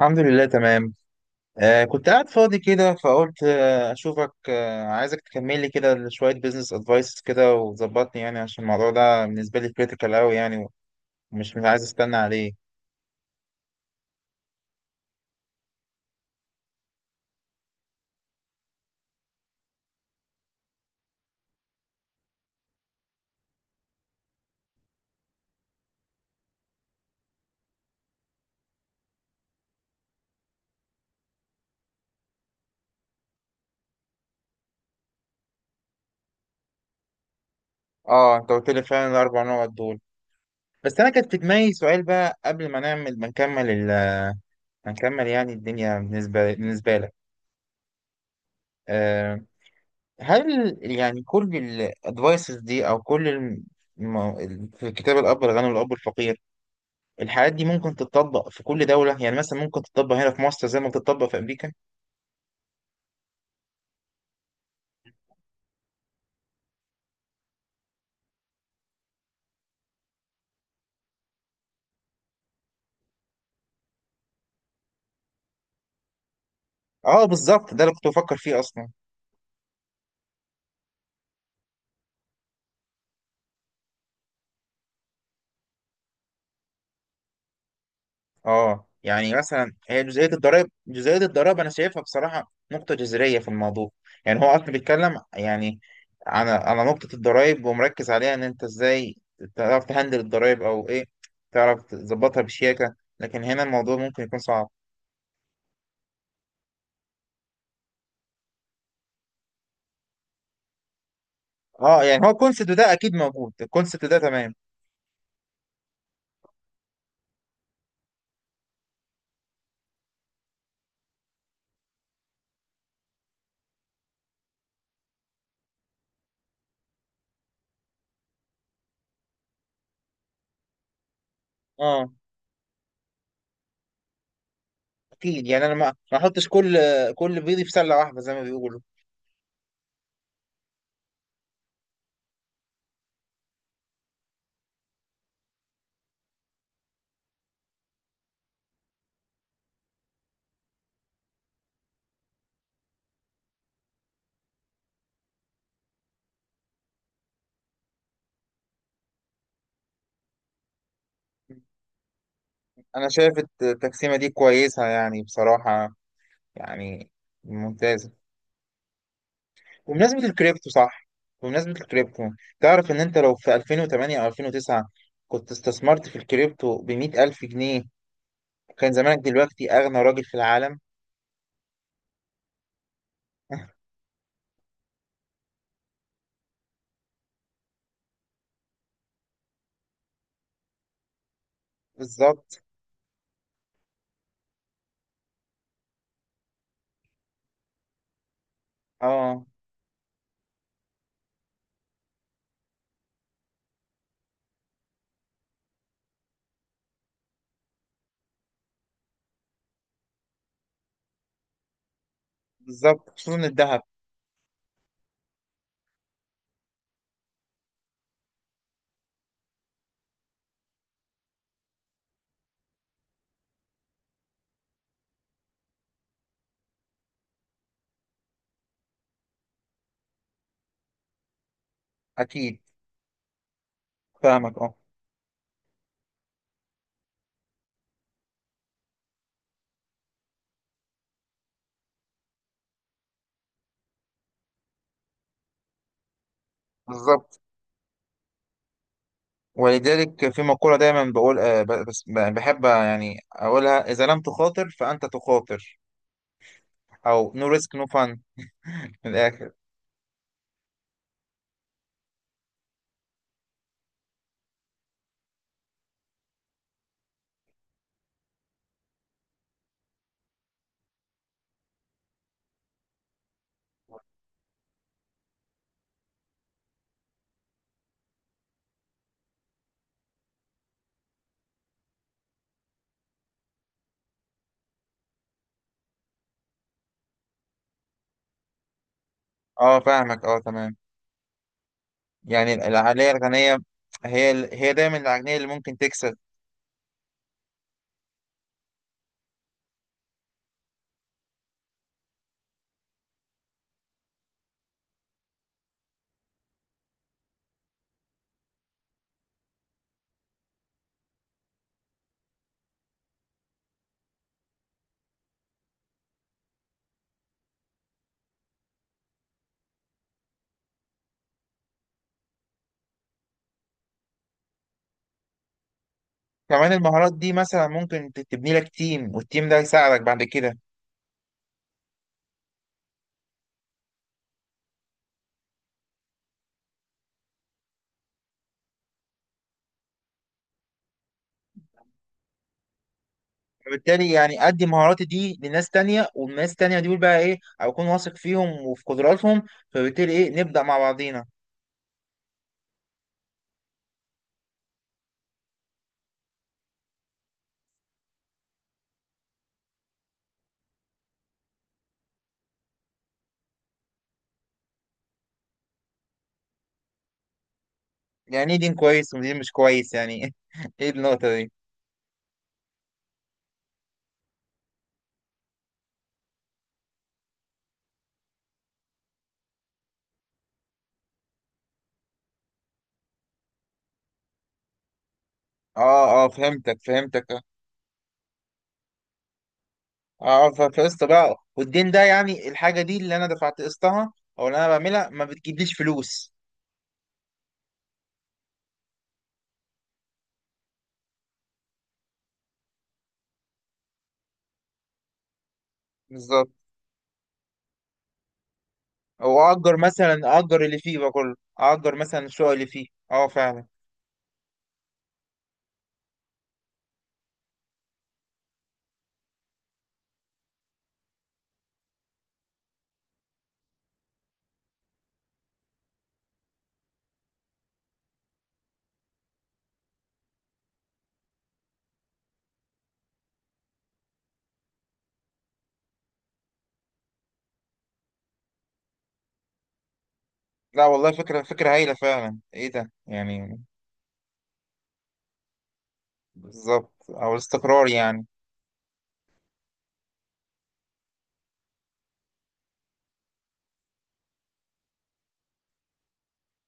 الحمد لله تمام. آه، كنت قاعد فاضي كده فقلت أشوفك، عايزك تكمل لي كده شوية بيزنس أدفايس كده وظبطني، يعني عشان الموضوع ده بالنسبة لي كريتيكال أوي يعني. ومش مش عايز أستنى عليه. أه، أنت قلت لي فعلا الأربع نقط دول. بس أنا كان في دماغي سؤال بقى، قبل ما نكمل، يعني الدنيا بالنسبة لك. آه. هل يعني كل الأدفايسز دي، أو كل في كتاب الأب الغني والأب الفقير، الحاجات دي ممكن تتطبق في كل دولة؟ يعني مثلا ممكن تتطبق هنا في مصر زي ما بتتطبق في أمريكا. اه، بالظبط، ده اللي كنت بفكر فيه أصلا. اه، يعني مثلا هي جزئية الضرائب أنا شايفها بصراحة نقطة جذرية في الموضوع. يعني هو أصلا بيتكلم، يعني على نقطة الضرائب، ومركز عليها إن أنت إزاي تعرف تهندل الضرائب، أو إيه، تعرف تظبطها بشياكة، لكن هنا الموضوع ممكن يكون صعب. اه، يعني هو الكونسيبت ده أكيد موجود، الكونسيبت ده تمام. اه، اكيد، يعني انا ما احطش كل بيضي في سله واحده، زي ما بيقولوا. انا شايف التقسيمه دي كويسه، يعني بصراحه، يعني ممتازه. بمناسبه الكريبتو، صح؟ بمناسبه الكريبتو، تعرف ان انت لو في 2008 او 2009 كنت استثمرت في الكريبتو ب 100,000 جنيه، كان زمانك دلوقتي اغنى راجل في العالم. بالظبط. اه، بالظبط، خصوصا الذهب. اكيد، فاهمك، اه. بالظبط، ولذلك في مقولة دايما بقول، بس بحب يعني أقولها: إذا لم تخاطر فأنت تخاطر. أو نو ريسك نو فان، من الآخر. أه، فاهمك، أه، تمام. يعني العقلية الغنية هي، هي دايما العقلية اللي ممكن تكسب. كمان المهارات دي مثلا ممكن تبني لك تيم، والتيم ده يساعدك بعد كده. فبالتالي يعني أدي مهاراتي دي لناس تانية، والناس تانية دول بقى إيه، أكون واثق فيهم وفي قدراتهم، فبالتالي إيه، نبدأ مع بعضينا. يعني إيه دين كويس ودين مش كويس يعني إيه النقطة دي؟ اه، اه، فهمتك، فهمتك، اه. اه، فقسط بقى، والدين ده يعني الحاجة دي اللي انا دفعت قسطها، او اللي انا بعملها ما بتجيبليش فلوس. بالظبط، او اجر مثلا، اجر اللي فيه بقى كله، اجر مثلا الشقق اللي فيه، اه فعلا. لا والله، فكرة، فكرة هايلة فعلا، ايه ده يعني. بالظبط، او الاستقرار يعني.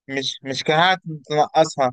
مش كهات تنقصها.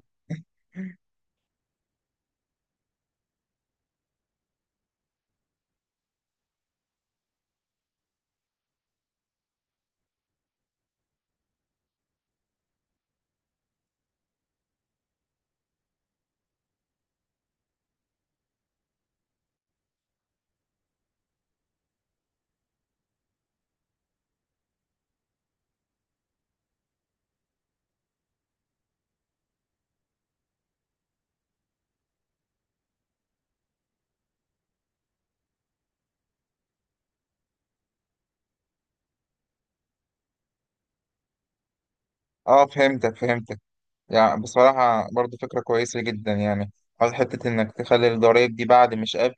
اه، فهمتك، فهمتك. يعني بصراحة برضو فكرة كويسة جدا، يعني على حتة إنك تخلي الضرايب دي بعد مش قبل.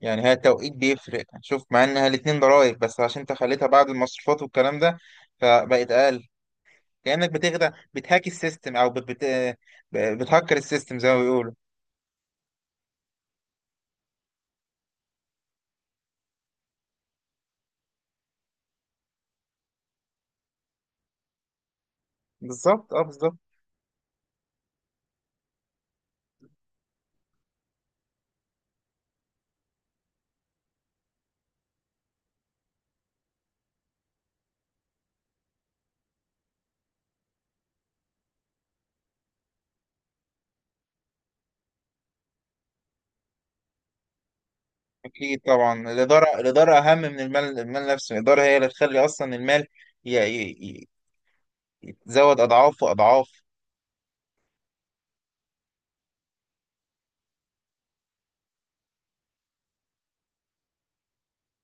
يعني هي التوقيت بيفرق، شوف، مع إنها الاتنين ضرايب، بس عشان أنت خليتها بعد المصروفات والكلام ده فبقت أقل. كأنك بتخدع، بتهاك السيستم، أو بتهكر السيستم زي ما بيقولوا. بالظبط، أه، بالظبط. أكيد طبعا، الإدارة الإدارة أهم من المال نفسه. الإدارة هي اللي تخلي أصلا المال ي... ي... ي- يتزود أضعاف وأضعاف.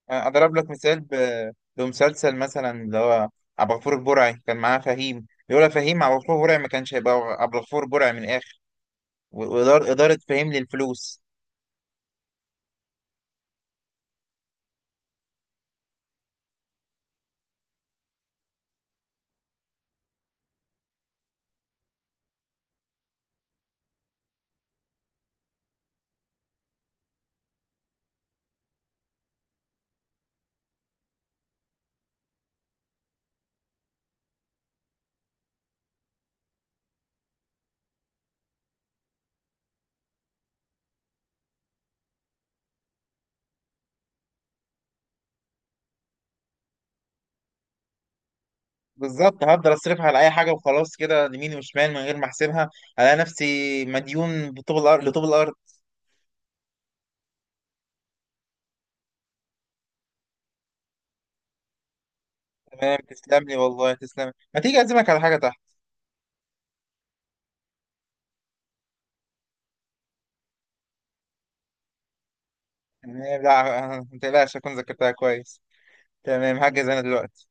اضرب لك مثال بمسلسل مثلا، اللي هو عبد الغفور البرعي، كان معاه فهيم، لولا فهيم عبد الغفور البرعي ما كانش هيبقى عبد الغفور البرعي، من الاخر. واداره، اداره فهيم للفلوس. بالظبط، هفضل اصرفها على اي حاجه وخلاص كده، يمين وشمال، من غير ما احسبها، الاقي نفسي مديون بطوب الارض لطوب الارض. تمام، تسلم لي والله، تسلم، ما تيجي اعزمك على حاجه تحت. يعني لا، ما تقلقش، اكون ذاكرتها كويس. تمام، هجز انا دلوقتي.